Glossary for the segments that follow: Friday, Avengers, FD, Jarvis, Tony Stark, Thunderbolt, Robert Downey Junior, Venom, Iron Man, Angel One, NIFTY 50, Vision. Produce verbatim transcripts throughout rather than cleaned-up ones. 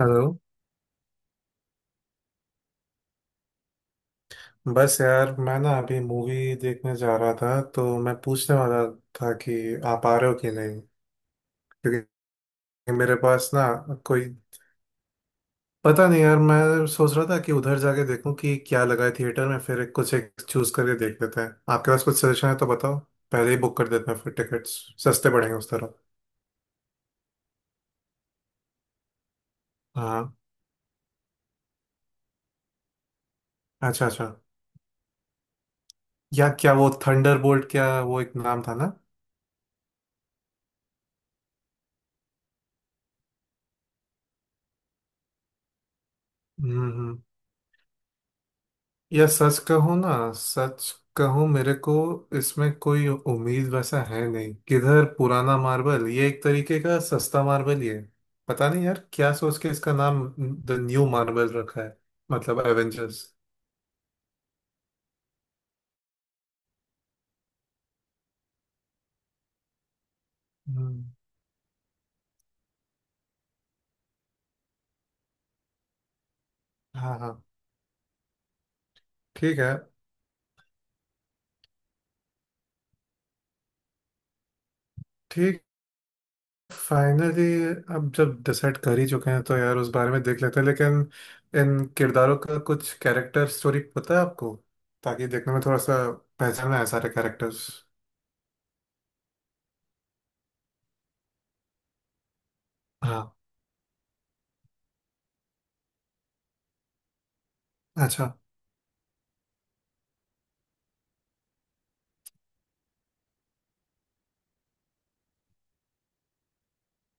Hello. बस यार मैं ना अभी मूवी देखने जा रहा था, तो मैं पूछने वाला था कि आप आ रहे हो कि नहीं, क्योंकि मेरे पास ना कोई पता नहीं यार, मैं सोच रहा था कि उधर जाके देखूं कि क्या लगा है थिएटर में, फिर एक- कुछ एक चूज करके देख लेते हैं। आपके पास कुछ सजेशन है तो बताओ, पहले ही बुक कर देते हैं फिर, टिकट्स सस्ते पड़ेंगे उस तरफ। हाँ। अच्छा अच्छा। या क्या वो थंडरबोल्ट, क्या वो एक नाम था ना। हम्म हम्म। या सच कहूँ ना, सच कहूँ मेरे को, इसमें कोई उम्मीद वैसा है नहीं। किधर पुराना मार्बल, ये एक तरीके का सस्ता मार्बल ही है। पता नहीं यार क्या सोच के इसका नाम द न्यू मार्बल रखा है, मतलब एवेंजर्स। हम्म। हाँ हाँ। ठीक है। ठीक। फाइनली अब जब डिसाइड कर ही चुके हैं तो यार उस बारे में देख लेते हैं, लेकिन इन किरदारों का कुछ कैरेक्टर स्टोरी पता है आपको? ताकि देखने में थोड़ा सा पहचान में आए सारे कैरेक्टर्स। हाँ। अच्छा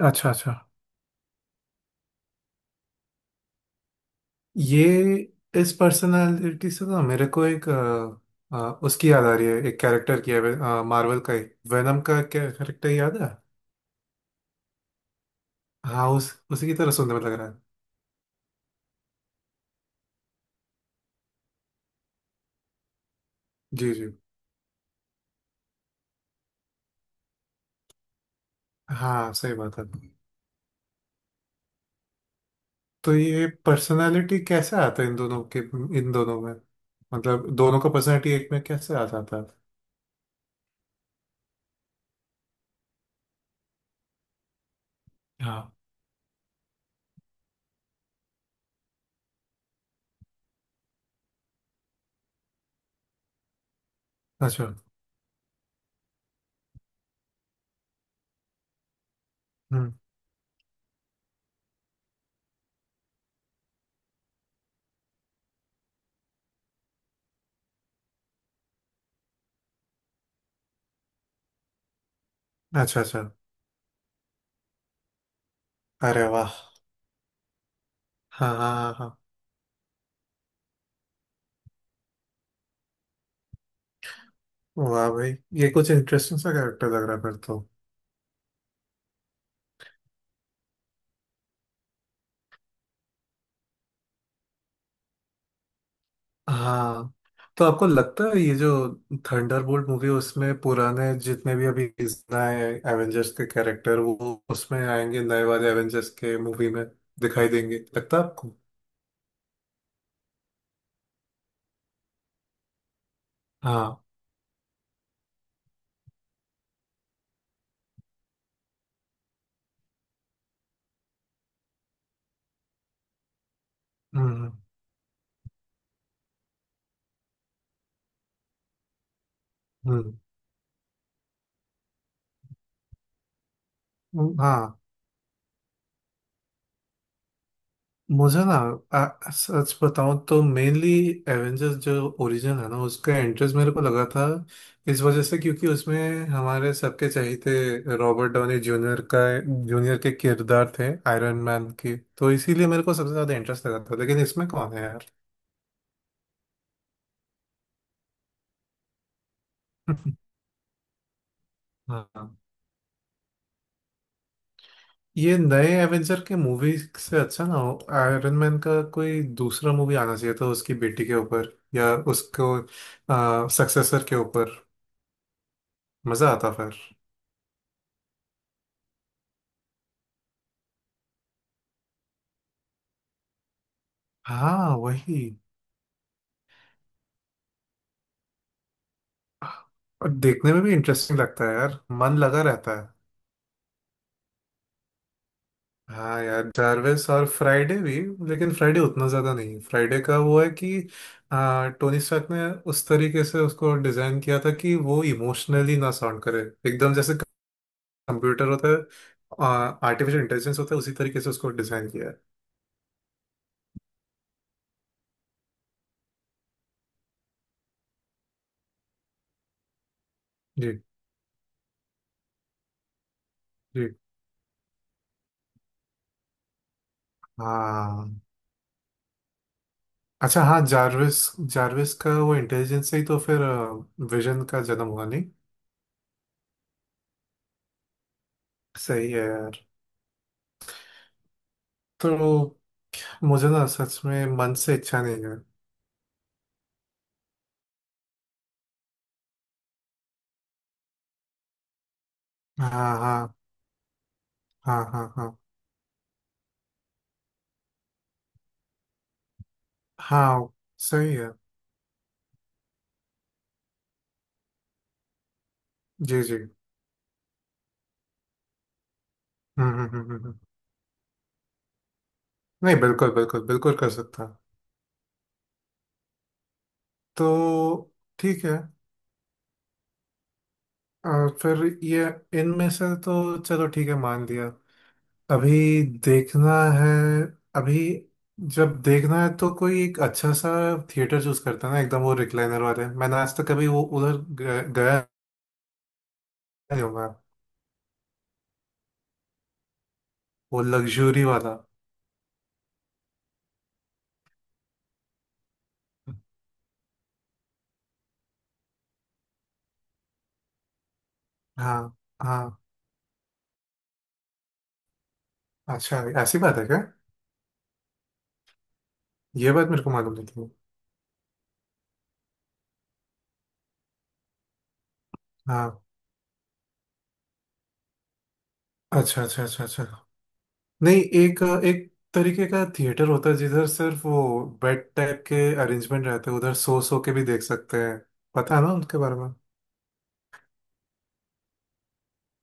अच्छा अच्छा। ये इस पर्सनालिटी से ना मेरे को एक अ, अ, उसकी याद आ रही है, एक कैरेक्टर की है, मार्वल का ही। वेनम का कैरेक्टर याद है? हाँ उस उसी की तरह सुनने में लग रहा है। जी जी। हाँ सही बात है। तो ये पर्सनालिटी कैसे आता है इन दोनों के इन दोनों में, मतलब दोनों का पर्सनालिटी एक में कैसे आ जाता है? हाँ। अच्छा। हम्म। अच्छा अच्छा। अरे वाह। हाँ हाँ हाँ हाँ। वाह भाई, ये कुछ इंटरेस्टिंग सा कैरेक्टर लग रहा है फिर तो। हाँ। तो आपको लगता है ये जो थंडरबोल्ट मूवी, उसमें पुराने जितने भी अभी, नए एवेंजर्स के कैरेक्टर वो उसमें आएंगे, नए वाले एवेंजर्स के मूवी में दिखाई देंगे लगता है आपको? हाँ। हम्म हम्म हम्म, हाँ। मुझे ना आ, सच बताऊं तो मेनली एवेंजर्स जो ओरिजिन है ना उसका इंटरेस्ट मेरे को लगा था, इस वजह से क्योंकि उसमें हमारे सबके चहेते रॉबर्ट डाउनी जूनियर का जूनियर के किरदार थे आयरन मैन के, तो इसीलिए मेरे को सबसे ज्यादा इंटरेस्ट लगा था, लेकिन इसमें कौन है यार। हाँ ये नए एवेंजर के मूवी से अच्छा ना हो, आयरन मैन का कोई दूसरा मूवी आना चाहिए था, उसकी बेटी के ऊपर या उसको सक्सेसर के ऊपर, मजा आता। हाँ वही। और देखने में भी इंटरेस्टिंग लगता है यार, मन लगा रहता है। हाँ यार जार्विस और फ्राइडे भी। लेकिन फ्राइडे उतना ज्यादा नहीं, फ्राइडे का वो है कि आ, टोनी स्टार्क ने उस तरीके से उसको डिजाइन किया था कि वो इमोशनली ना साउंड करे, एकदम जैसे कंप्यूटर होता है, आर्टिफिशियल इंटेलिजेंस होता है, उसी तरीके से उसको डिजाइन किया है। जी जी। हाँ अच्छा, हाँ जार्विस। जार्विस का वो इंटेलिजेंस से ही तो फिर विजन का जन्म हुआ नहीं। सही है यार। तो मुझे ना सच में मन से इच्छा नहीं है। हाँ हाँ हाँ हाँ। हाँ हाँ। सही है। जी जी। हम्म हम्म हम्म हम्म, हम्म। नहीं बिल्कुल बिल्कुल बिल्कुल कर सकता हूँ। तो ठीक है। अ, फिर ये इनमें से तो चलो ठीक है, मान दिया। अभी देखना है। अभी जब देखना है तो कोई एक अच्छा सा थिएटर चूज करता है ना, एकदम वो रिक्लाइनर वाले मैंने आज तक कभी वो उधर ग- गया नहीं हूँ मैं। वो लग्जरी वाला। हाँ हाँ। अच्छा ऐसी बात है क्या? ये बात मेरे को मालूम नहीं थी। हाँ अच्छा अच्छा अच्छा अच्छा। नहीं एक एक तरीके का थिएटर होता है जिधर सिर्फ वो बेड टाइप के अरेंजमेंट रहते हैं, उधर सो सो के भी देख सकते हैं, पता है ना उनके बारे में?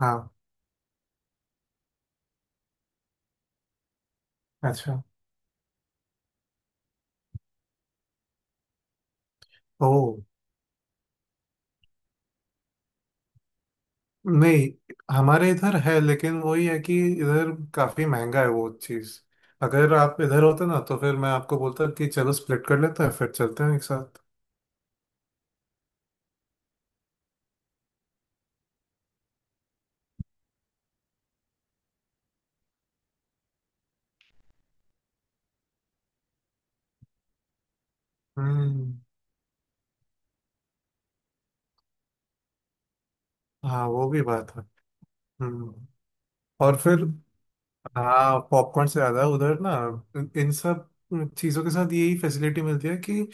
हाँ। अच्छा। ओ। नहीं हमारे इधर है, लेकिन वही है कि इधर काफी महंगा है वो चीज। अगर आप इधर होते ना तो फिर मैं आपको बोलता कि चलो स्प्लिट कर लेते हैं, फिर चलते हैं एक साथ। हम्म। हाँ वो भी बात है। हम्म और फिर हाँ, पॉपकॉर्न से ज्यादा उधर ना, इन सब चीजों के साथ यही फैसिलिटी मिलती है कि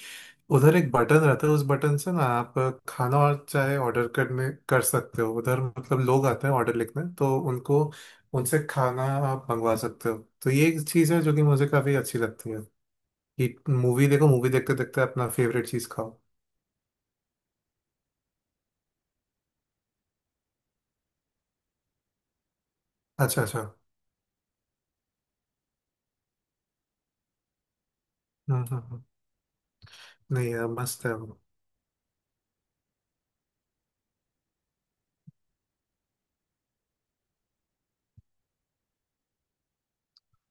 उधर एक बटन रहता है, उस बटन से ना आप खाना और चाहे ऑर्डर करने कर सकते हो। उधर मतलब लोग आते हैं ऑर्डर लिखने, तो उनको, उनसे खाना आप मंगवा सकते हो, तो ये एक चीज है जो कि मुझे काफी अच्छी लगती है, कि मूवी देखो, मूवी देखते देखते अपना फेवरेट चीज खाओ। अच्छा अच्छा। हम्म हम्म हम्म। नहीं यार मस्त है वो।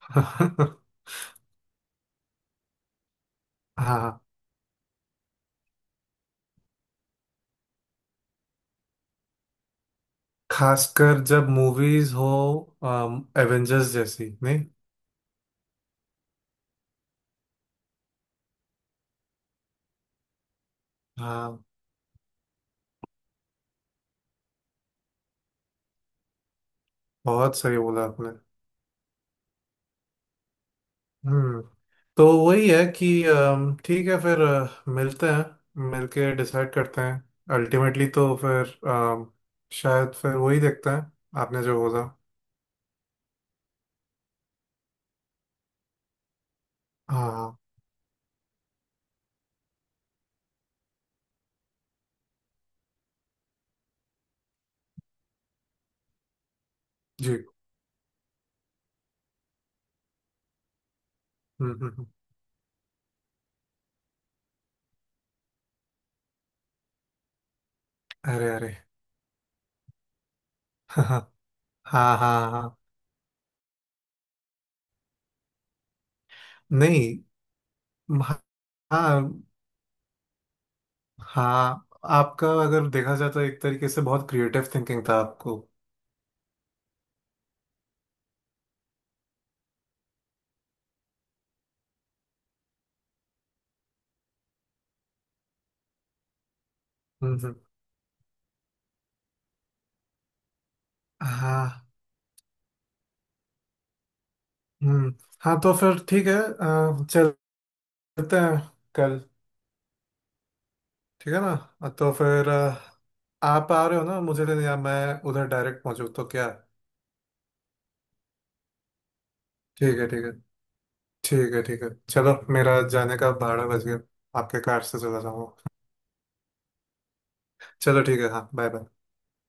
हाँ, खासकर जब मूवीज हो, एवेंजर्स जैसी नहीं। हाँ बहुत सही बोला आपने। हम्म। तो वही है कि अम, ठीक है फिर, अ, मिलते हैं, मिलके डिसाइड करते हैं अल्टीमेटली। तो फिर अम, शायद फिर वही देखते हैं आपने जो बोला। हाँ हाँ, जी। हम्म हम्म, हम्म, अरे अरे। हाँ हाँ हाँ। नहीं। हाँ हाँ। आपका अगर देखा जाए तो एक तरीके से बहुत क्रिएटिव थिंकिंग था आपको। हम्म हम्म, हाँ। हम्म। हाँ तो फिर ठीक है, अ, चलते हैं कल। ठीक है ना? अ, तो फिर अ, आप आ रहे हो ना मुझे लेने, या मैं उधर डायरेक्ट पहुंचू तो क्या? ठीक है ठीक है। ठीक है ठीक है। चलो मेरा जाने का भाड़ा बच गया, आपके कार से चला जाऊंगा। चलो ठीक है। हाँ बाय बाय।